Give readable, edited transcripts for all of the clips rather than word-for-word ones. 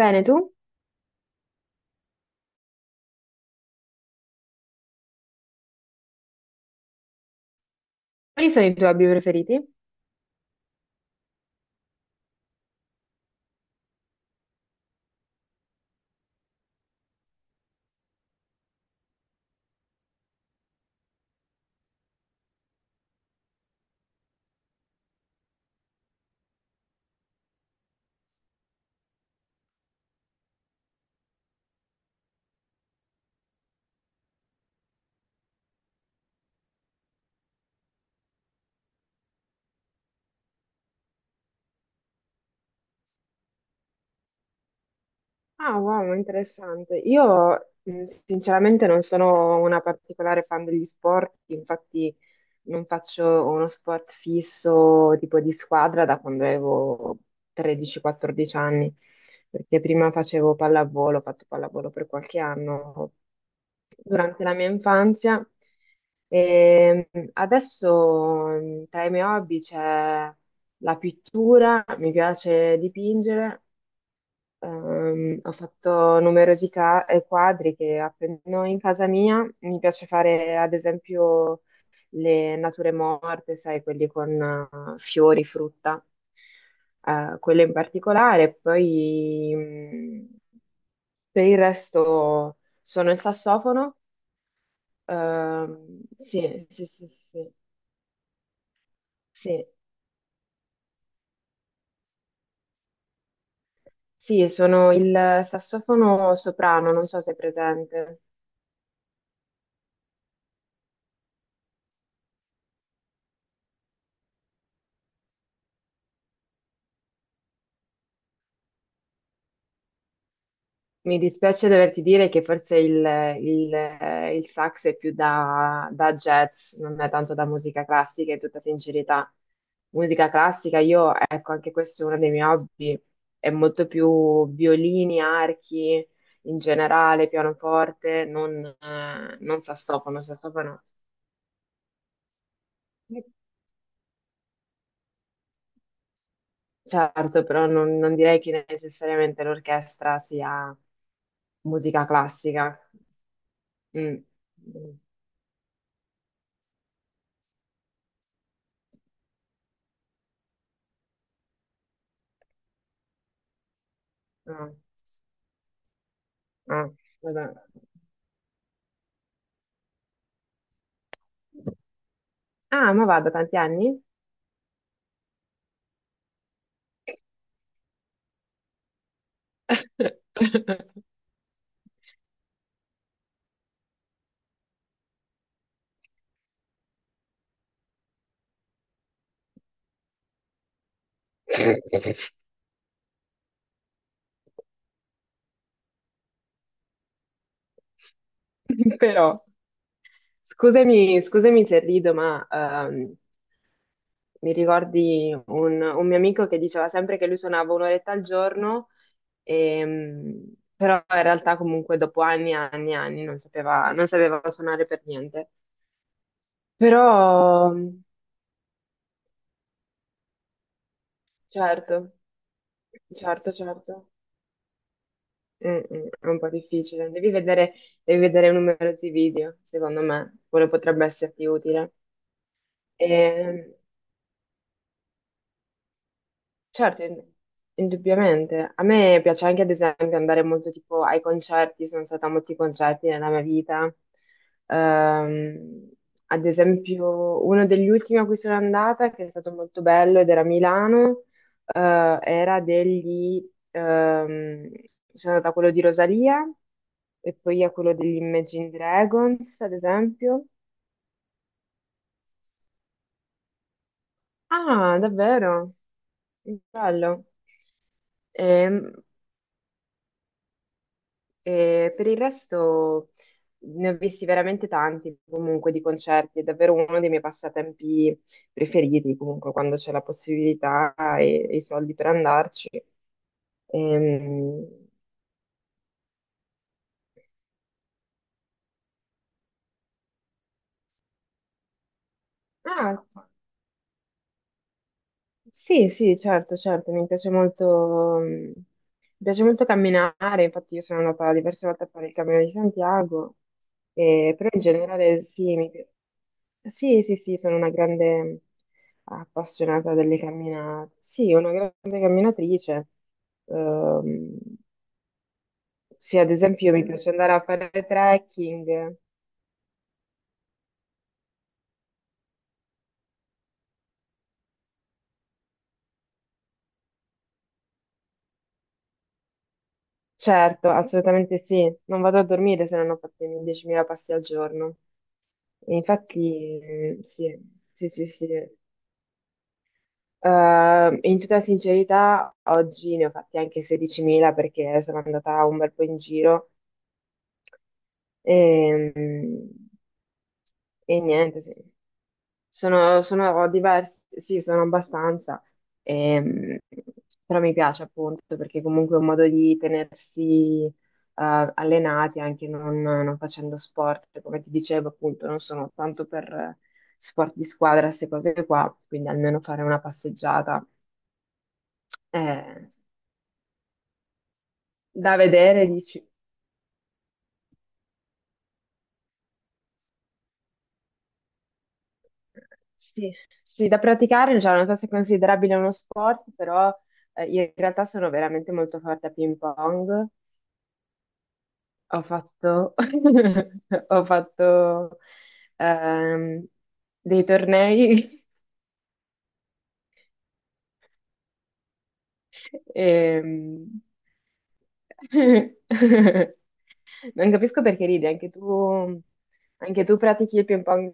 Bene, tu? Quali sono i tuoi hobby preferiti? Ah, wow, interessante. Io sinceramente non sono una particolare fan degli sport, infatti non faccio uno sport fisso tipo di squadra da quando avevo 13-14 anni, perché prima facevo pallavolo, ho fatto pallavolo per qualche anno durante la mia infanzia. E adesso tra i miei hobby c'è la pittura, mi piace dipingere. Ho fatto numerosi quadri che appendo in casa mia. Mi piace fare, ad esempio, le nature morte, sai, quelli con fiori, frutta, quelle in particolare. Poi, per il resto, suono il sassofono. Sì, sì, sì, sì, sì. Sì, sono il sassofono soprano, non so se è presente. Mi dispiace doverti dire che forse il sax è più da jazz, non è tanto da musica classica, in tutta sincerità. Musica classica, io, ecco, anche questo è uno dei miei hobby, è molto più violini, archi, in generale, pianoforte, non sassofono, sassofono, certo, però non direi che necessariamente l'orchestra sia musica classica. Mm. No. Ah, guarda. Ah, ma vada, tanti anni? Però, scusami se rido, ma mi ricordi un mio amico che diceva sempre che lui suonava un'oretta al giorno, però in realtà comunque dopo anni e anni e anni non sapeva suonare per niente. Però, certo, certo, certo. È un po' difficile. Devi vedere numerosi video, secondo me, quello potrebbe esserti utile. Ehm, Certo, indubbiamente. A me piace anche, ad esempio, andare molto tipo ai concerti, sono stata a molti concerti nella mia vita. Ehm, Ad esempio, uno degli ultimi a cui sono andata, che è stato molto bello ed era a Milano, eh, era degli... ehm, sono andata a quello di Rosalia e poi a quello degli Imagine Dragons, ad esempio. Ah, davvero? Bello. Ehm, E per il resto ne ho visti veramente tanti comunque di concerti, è davvero uno dei miei passatempi preferiti comunque quando c'è la possibilità e i soldi per andarci. Ehm, ah, sì, sì, certo, certo, mi piace molto, mi piace molto camminare, infatti io sono andata diverse volte a fare il Cammino di Santiago, però in generale sì, sì, sì, sì, sono una grande appassionata delle camminate, sì, una grande camminatrice. Ehm, sì, ad esempio mi piace andare a fare trekking, certo, assolutamente sì, non vado a dormire se non ho fatto i miei 10.000 passi al giorno. E infatti, sì, sì, sì, sì. In tutta sincerità, oggi ne ho fatti anche 16.000 perché sono andata un bel po' in giro e, e niente, sì. Sono diversi, sì, sono abbastanza. ehm, Però mi piace appunto perché comunque è un modo di tenersi allenati anche non facendo sport, come ti dicevo appunto, non sono tanto per sport di squadra, queste cose qua, quindi almeno fare una passeggiata. eh, Da vedere, dici? Sì, sì, da praticare, cioè, non so se è considerabile uno sport, però in realtà sono veramente molto forte a ping pong. Ho fatto, ho fatto ehm, dei tornei. E non capisco perché ridi, anche tu, pratichi il ping pong.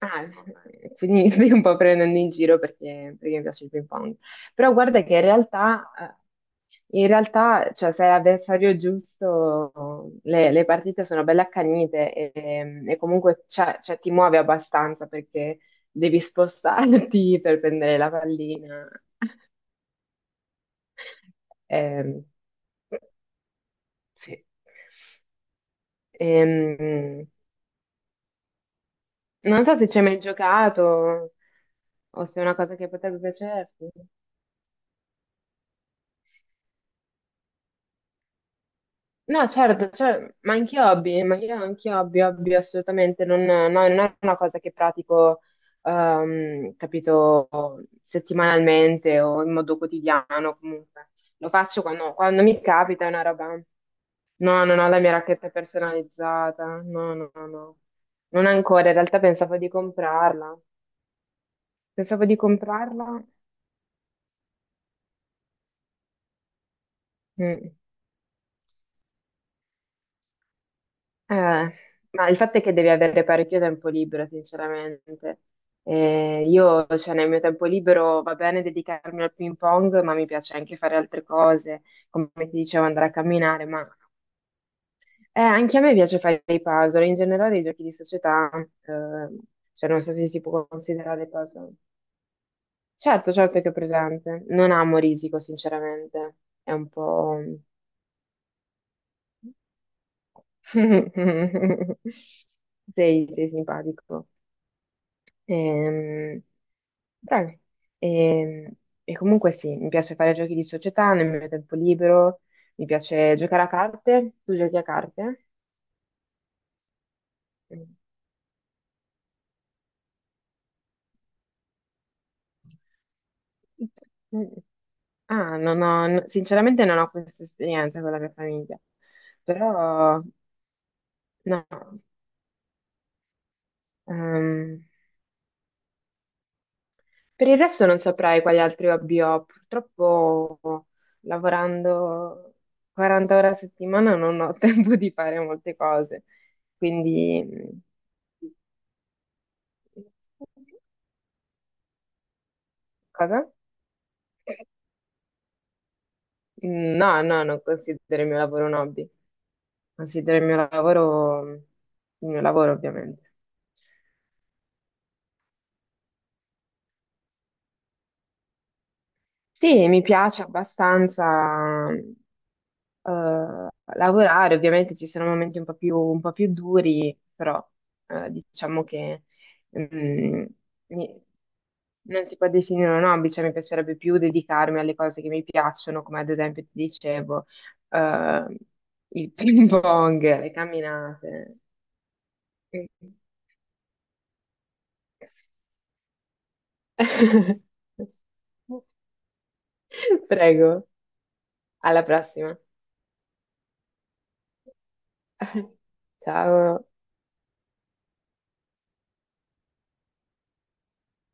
Ah, secondo me. Quindi mi stai un po' prendendo in giro perché mi piace il ping pong. Però guarda che in realtà, cioè, se hai l'avversario giusto, le partite sono belle accanite e comunque cioè, ti muove abbastanza perché devi spostarti per prendere la pallina. Ehm, sì. Ehm, Non so se ci hai mai giocato o se è una cosa che potrebbe piacerti. No, certo, cioè, ma anche hobby, ma io anche hobby, hobby assolutamente, non è una cosa che pratico, capito, settimanalmente o in modo quotidiano, comunque. Lo faccio quando mi capita, è una roba. No, non ho la mia racchetta personalizzata, no, no, no, no. Non ancora, in realtà pensavo di comprarla. Pensavo di comprarla. Mm. Eh, ma il fatto è che devi avere parecchio tempo libero, sinceramente. Io, cioè, nel mio tempo libero va bene dedicarmi al ping pong, ma mi piace anche fare altre cose, come ti dicevo, andare a camminare, ma anche a me piace fare i puzzle, in generale i giochi di società, eh, cioè non so se si può considerare puzzle. Certo, certo che è presente. Non amo Risico, sinceramente. È un po'. Sei simpatico. Ehm, Dai. Ehm, E, comunque sì, mi piace fare giochi di società nel mio tempo libero, mi piace giocare a carte. Tu giochi a carte? Mm. Ah, non ho, sinceramente non ho questa esperienza con la mia famiglia, però no, ehm, Per il resto non saprei quali altri hobby ho. Purtroppo lavorando 40 ore a settimana non ho tempo di fare molte cose. Quindi, cosa? No, no, non considero il mio lavoro un hobby. Considero il mio lavoro, ovviamente. Sì, mi piace abbastanza eh, lavorare. Ovviamente ci sono momenti un po' più duri, però diciamo che mm, mi- non si può definire un hobby, cioè mi piacerebbe più dedicarmi alle cose che mi piacciono, come ad esempio ti dicevo, eh, il ping pong, le camminate. Prego, alla prossima. Ciao.